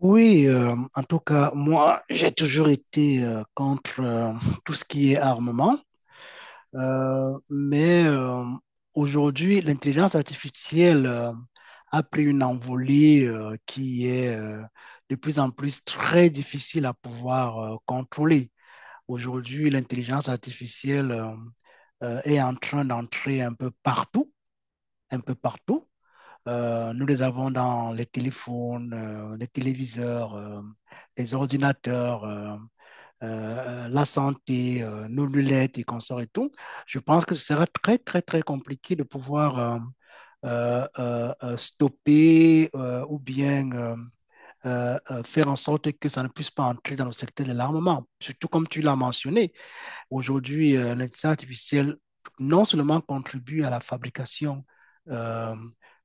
Oui, en tout cas, moi, j'ai toujours été contre tout ce qui est armement. Euh, mais euh, Aujourd'hui, l'intelligence artificielle a pris une envolée qui est de plus en plus très difficile à pouvoir contrôler. Aujourd'hui, l'intelligence artificielle est en train d'entrer un peu partout, un peu partout. Nous les avons dans les téléphones, les téléviseurs, les ordinateurs, la santé, nos lunettes et consorts et tout. Je pense que ce sera très, très, très compliqué de pouvoir stopper ou bien faire en sorte que ça ne puisse pas entrer dans le secteur de l'armement. Surtout comme tu l'as mentionné, aujourd'hui, l'intelligence artificielle non seulement contribue à la fabrication euh,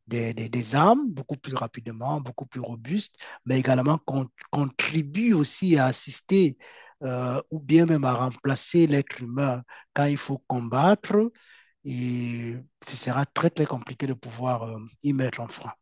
des armes beaucoup plus rapidement, beaucoup plus robuste, mais également contribue aussi à assister, ou bien même à remplacer l'être humain quand il faut combattre. Et ce sera très, très compliqué de pouvoir y mettre un frein.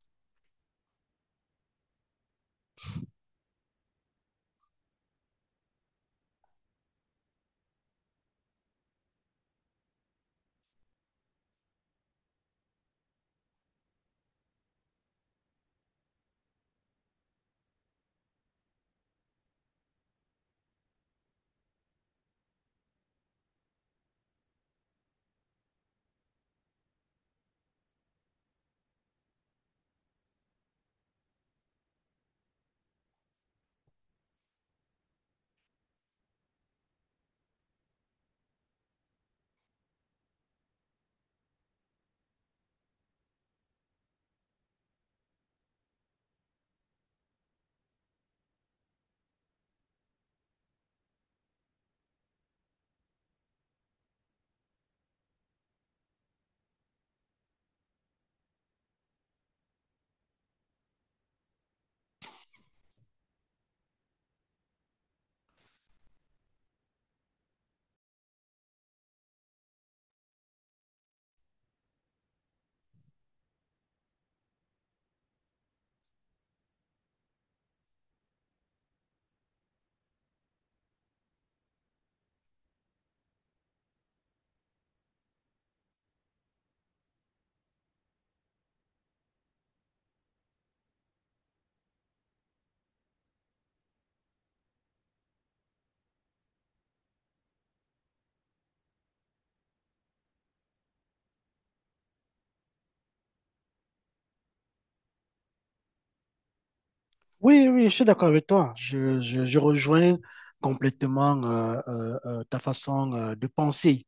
Oui, oui, je suis d'accord avec toi. Je rejoins complètement ta façon de penser.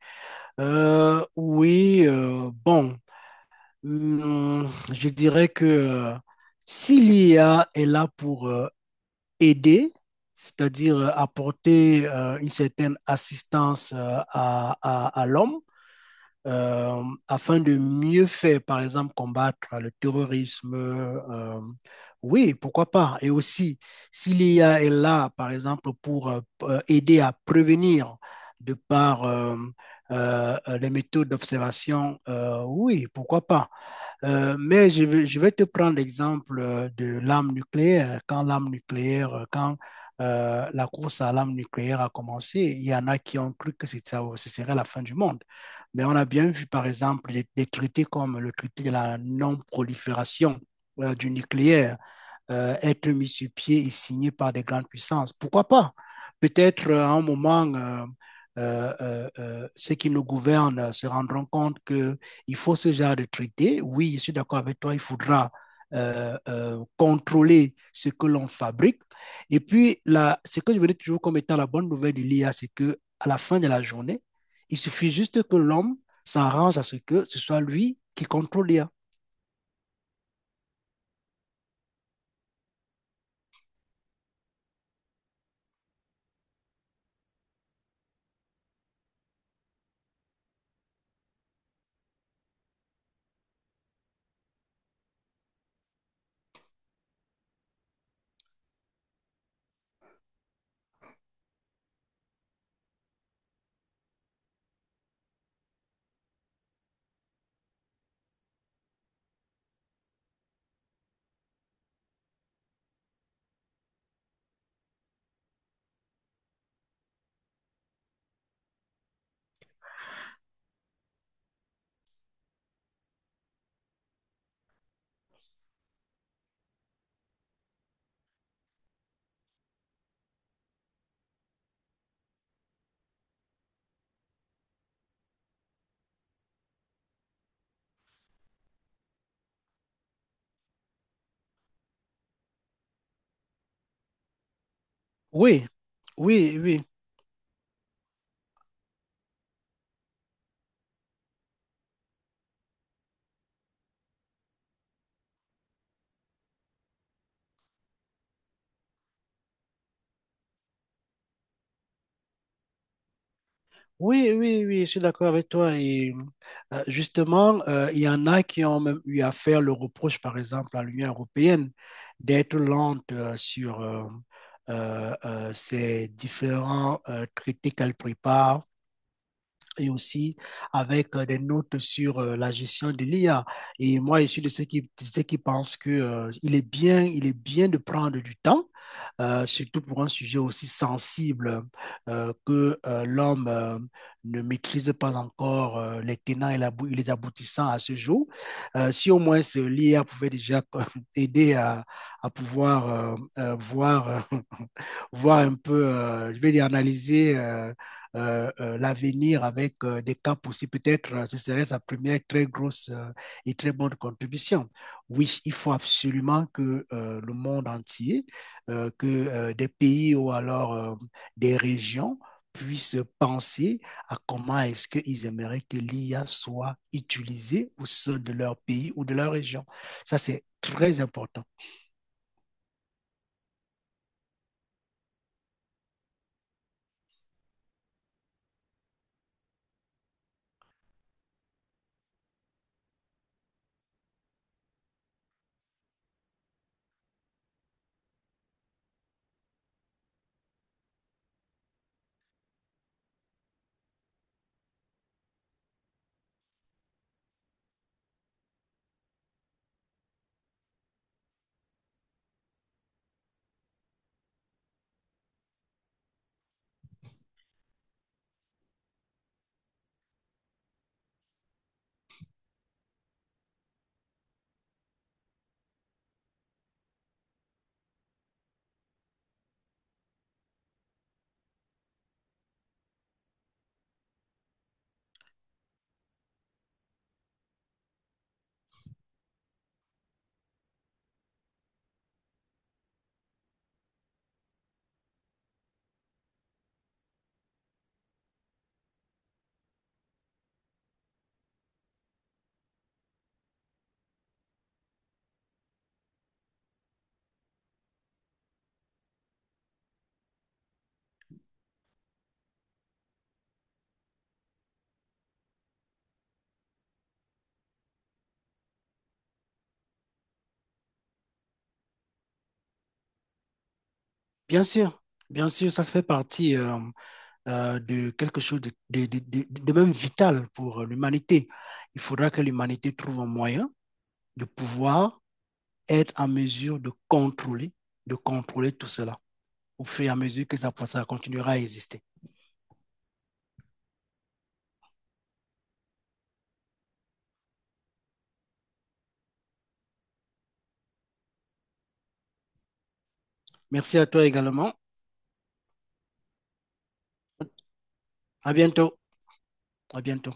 Oui, bon, je dirais que, si l'IA est là pour, aider, c'est-à-dire apporter une certaine assistance à, à l'homme, afin de mieux faire, par exemple, combattre le terrorisme. Oui, pourquoi pas. Et aussi, si l'I a est là, par exemple, pour aider à prévenir de par les méthodes d'observation. Oui, pourquoi pas. Mais je vais te prendre l'exemple de l'arme nucléaire. Quand l'arme nucléaire, quand la course à l'arme nucléaire a commencé, il y en a qui ont cru que ce serait la fin du monde. Mais on a bien vu, par exemple, des traités comme le traité de la non-prolifération du nucléaire, être mis sur pied et signé par des grandes puissances. Pourquoi pas. Peut-être à un moment, ceux qui nous gouvernent se rendront compte qu'il faut ce genre de traité. Oui, je suis d'accord avec toi, il faudra contrôler ce que l'on fabrique. Et puis, là, ce que je veux dire toujours comme étant la bonne nouvelle de l'IA, c'est que à la fin de la journée, il suffit juste que l'homme s'arrange à ce que ce soit lui qui contrôle l'IA. Oui, oui, oui, oui, oui, oui, je suis d'accord avec toi. Et justement, il y en a qui ont même eu à faire le reproche, par exemple, à l'Union européenne d'être lente sur ces différents traités qu'elle prépare et aussi avec des notes sur la gestion de l'IA. Et moi, je suis de ceux qui pensent que, il est bien de prendre du temps, surtout pour un sujet aussi sensible que l'homme ne maîtrise pas encore les tenants et et les aboutissants à ce jour. Si au moins ce l'IA pouvait déjà aider à pouvoir voir, voir un peu, je vais dire, analyser l'avenir avec des caps aussi. Peut-être ce serait sa première très grosse et très bonne contribution. Oui, il faut absolument que le monde entier, que des pays ou alors des régions puissent penser à comment est-ce qu'ils aimeraient que l'IA soit utilisée au sein de leur pays ou de leur région. Ça, c'est très important. Bien sûr, bien sûr, ça fait partie de quelque chose de, de même vital pour l'humanité. Il faudra que l'humanité trouve un moyen de pouvoir être en mesure de contrôler tout cela au fur et à mesure que ça continuera à exister. Merci à toi également. À bientôt. À bientôt.